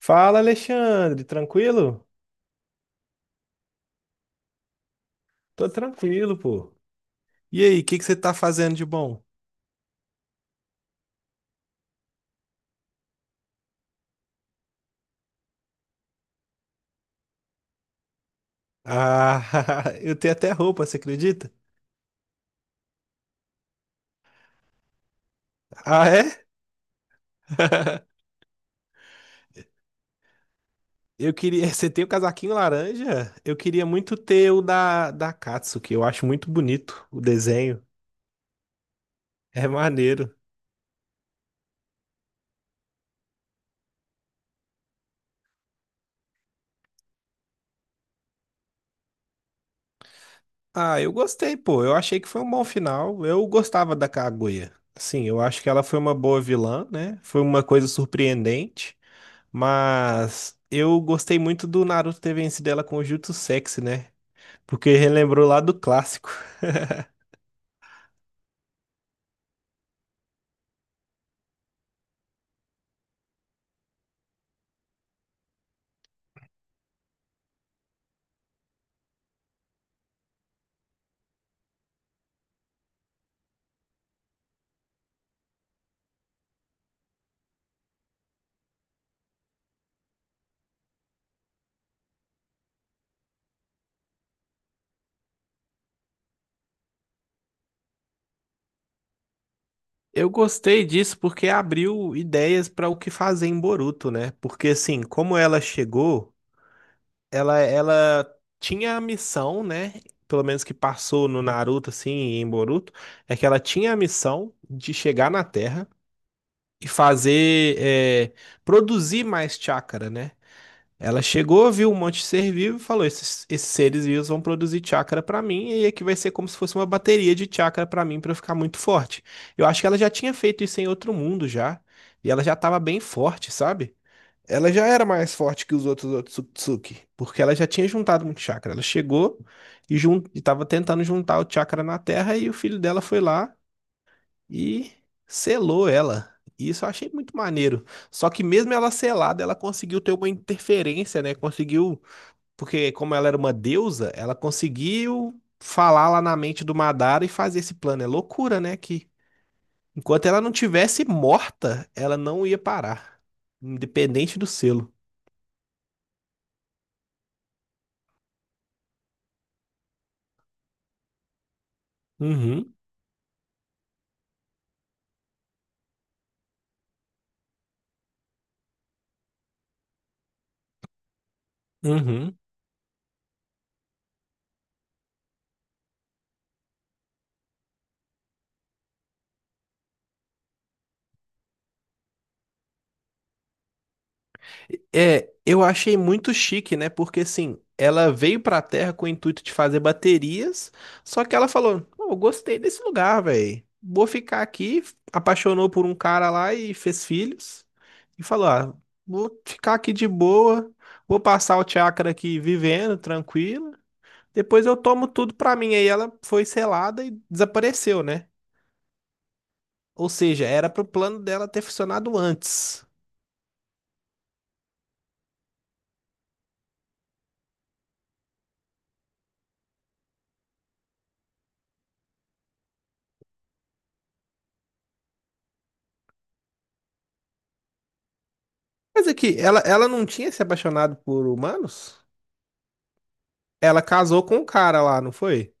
Fala, Alexandre, tranquilo? Tô tranquilo, pô. E aí, o que que você tá fazendo de bom? Ah, eu tenho até roupa, você acredita? Ah, é? Eu queria. Você tem o casaquinho laranja? Eu queria muito ter o da Katsuki. Eu acho muito bonito o desenho. É maneiro. Ah, eu gostei, pô. Eu achei que foi um bom final. Eu gostava da Kaguya. Sim, eu acho que ela foi uma boa vilã, né? Foi uma coisa surpreendente. Mas eu gostei muito do Naruto ter vencido ela com o Jutsu Sexy, né? Porque relembrou lá do clássico. Eu gostei disso porque abriu ideias para o que fazer em Boruto, né? Porque assim, como ela chegou, ela tinha a missão, né? Pelo menos que passou no Naruto assim, e em Boruto, é que ela tinha a missão de chegar na Terra e fazer produzir mais chakra, né? Ela chegou, viu um monte de ser vivo e falou: esses seres vivos vão produzir chakra pra mim, e aqui vai ser como se fosse uma bateria de chakra pra mim pra eu ficar muito forte. Eu acho que ela já tinha feito isso em outro mundo já, e ela já tava bem forte, sabe? Ela já era mais forte que os outros Otsutsuki, porque ela já tinha juntado muito chakra. Ela chegou e tava tentando juntar o chakra na Terra, e o filho dela foi lá e selou ela. E isso eu achei muito maneiro. Só que mesmo ela selada, ela conseguiu ter uma interferência, né? Conseguiu, porque como ela era uma deusa, ela conseguiu falar lá na mente do Madara e fazer esse plano. É loucura, né? Que enquanto ela não tivesse morta, ela não ia parar, independente do selo. Uhum, uhum. É, eu achei muito chique, né? Porque assim, ela veio pra Terra com o intuito de fazer baterias, só que ela falou: "Pô, eu gostei desse lugar, velho. Vou ficar aqui. Apaixonou por um cara lá e fez filhos. E falou: ah, vou ficar aqui de boa, vou passar o chakra aqui vivendo, tranquilo. Depois eu tomo tudo pra mim. Aí ela foi selada e desapareceu, né? Ou seja, era pro plano dela ter funcionado antes. Mas aqui, ela não tinha se apaixonado por humanos? Ela casou com o cara lá, não foi?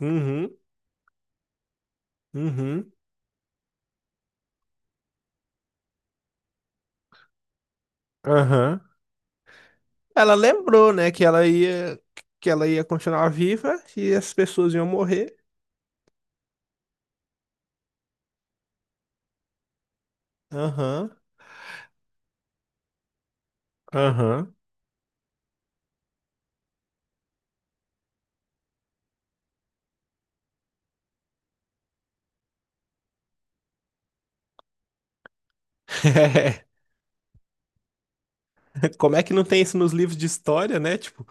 Uhum, uhum, aham. Ela lembrou, né, que ela ia continuar viva e as pessoas iam morrer. Aham, aham. É, como é que não tem isso nos livros de história, né? Tipo,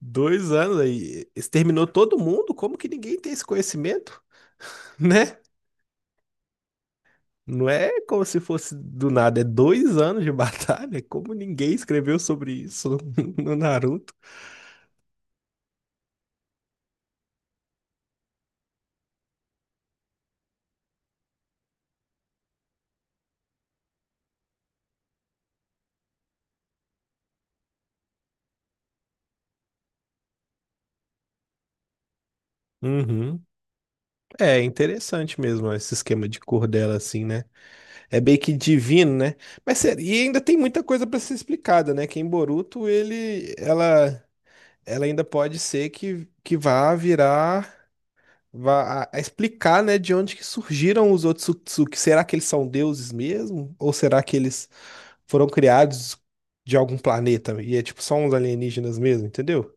2 anos aí, exterminou todo mundo? Como que ninguém tem esse conhecimento, né? Não é como se fosse do nada, é 2 anos de batalha. Como ninguém escreveu sobre isso no Naruto? Uhum. É interessante mesmo esse esquema de cor dela, assim, né? É bem que divino, né? Mas sério, e ainda tem muita coisa para ser explicada, né? Que em Boruto ela ainda pode ser que vá virar, vá a explicar, né? De onde que surgiram os Otsutsuki? Será que eles são deuses mesmo? Ou será que eles foram criados de algum planeta e é tipo só uns alienígenas mesmo, entendeu?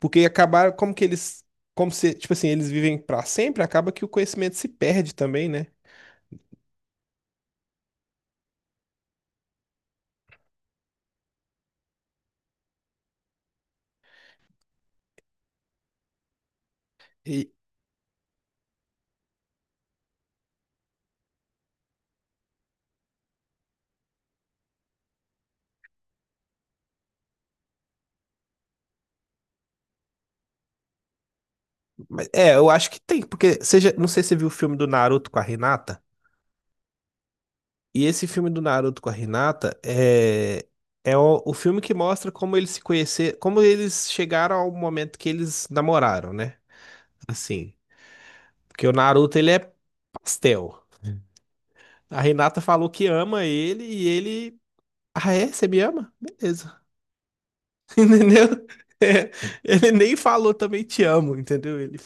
Porque acabaram, como que eles, como se, tipo assim, eles vivem pra sempre, acaba que o conhecimento se perde também, né? E- é, eu acho que tem, porque seja, não sei se você viu o filme do Naruto com a Renata e esse filme do Naruto com a Renata é o filme que mostra como eles se conhecer, como eles chegaram ao momento que eles namoraram, né? Assim, porque o Naruto ele é pastel. A Renata falou que ama ele e ele, ah é, você me ama? Beleza. Entendeu? É, ele nem falou também te amo, entendeu? Ele,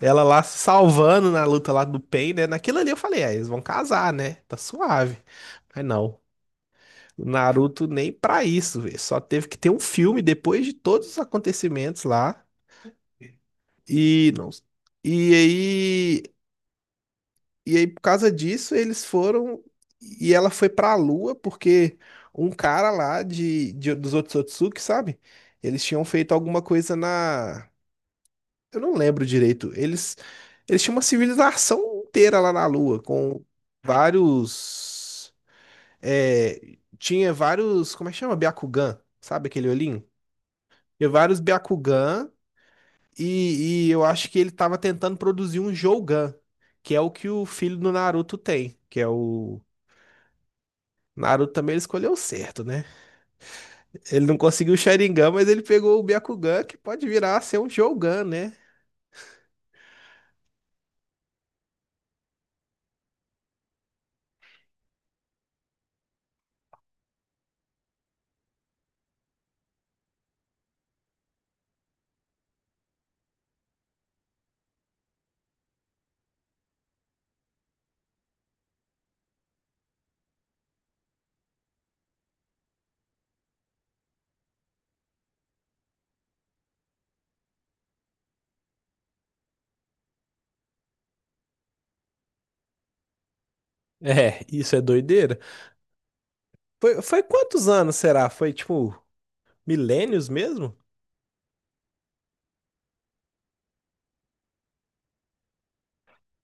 ela lá se salvando na luta lá do Pain, né? Naquilo ali eu falei, é, eles vão casar, né? Tá suave. Mas não. O Naruto nem pra isso, velho. Só teve que ter um filme depois de todos os acontecimentos lá. E não. E aí, por causa disso eles foram e ela foi pra Lua porque um cara lá de dos Otsutsuki, sabe? Eles tinham feito alguma coisa. Na Eu não lembro direito. Eles tinham uma civilização inteira lá na Lua, com vários. Tinha vários. Como é que chama? Byakugan, sabe aquele olhinho? Tinha vários Byakugan, e eu acho que ele tava tentando produzir um Jougan, que é o que o filho do Naruto tem, que é o. Naruto também ele escolheu certo, né? Ele não conseguiu o Sharingan, mas ele pegou o Byakugan, que pode virar a ser um Jougan, né? É, isso é doideira. Foi quantos anos será? Foi tipo. Milênios mesmo?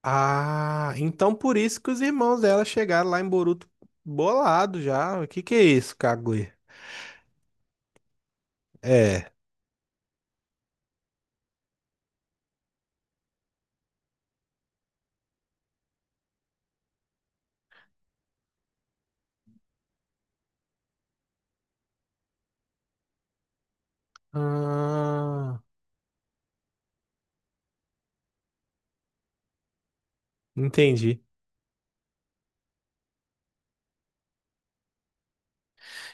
Ah, então por isso que os irmãos dela chegaram lá em Boruto bolado já. O que que é isso, Kaguya? É. Ah, entendi.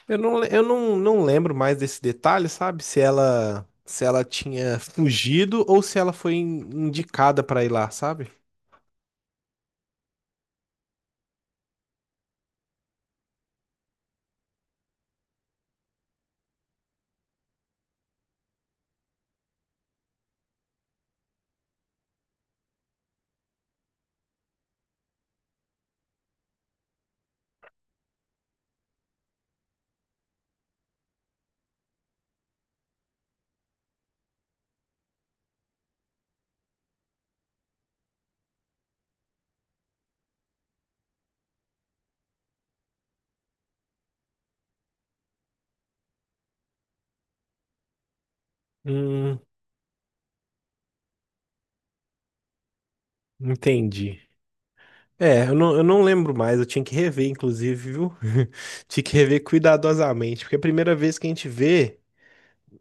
Eu não lembro mais desse detalhe, sabe? Se ela tinha fugido ou se ela foi indicada pra ir lá, sabe? Hum, entendi. É, eu não lembro mais, eu tinha que rever, inclusive, viu? Tinha que rever cuidadosamente, porque é a primeira vez que a gente vê.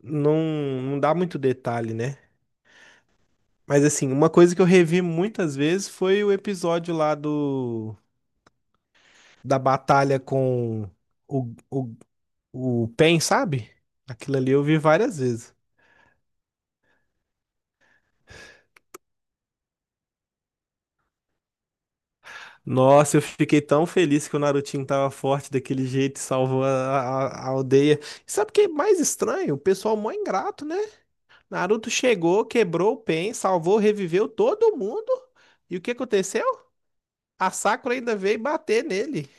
não, não dá muito detalhe, né? Mas assim, uma coisa que eu revi muitas vezes foi o episódio lá do da batalha com o, o, o Pen, sabe? Aquilo ali eu vi várias vezes. Nossa, eu fiquei tão feliz que o Narutinho tava forte daquele jeito, e salvou a aldeia. E sabe o que é mais estranho? O pessoal mó ingrato, né? Naruto chegou, quebrou o Pen, salvou, reviveu todo mundo. E o que aconteceu? A Sakura ainda veio bater nele.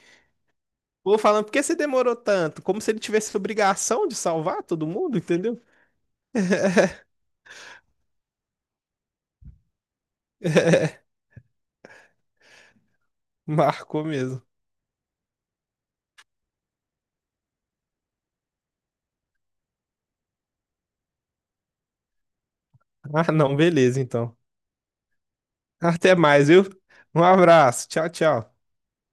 Vou falando, por que você demorou tanto? Como se ele tivesse obrigação de salvar todo mundo, entendeu? Marcou mesmo. Ah, não, beleza, então. Até mais, viu? Um abraço. Tchau, tchau.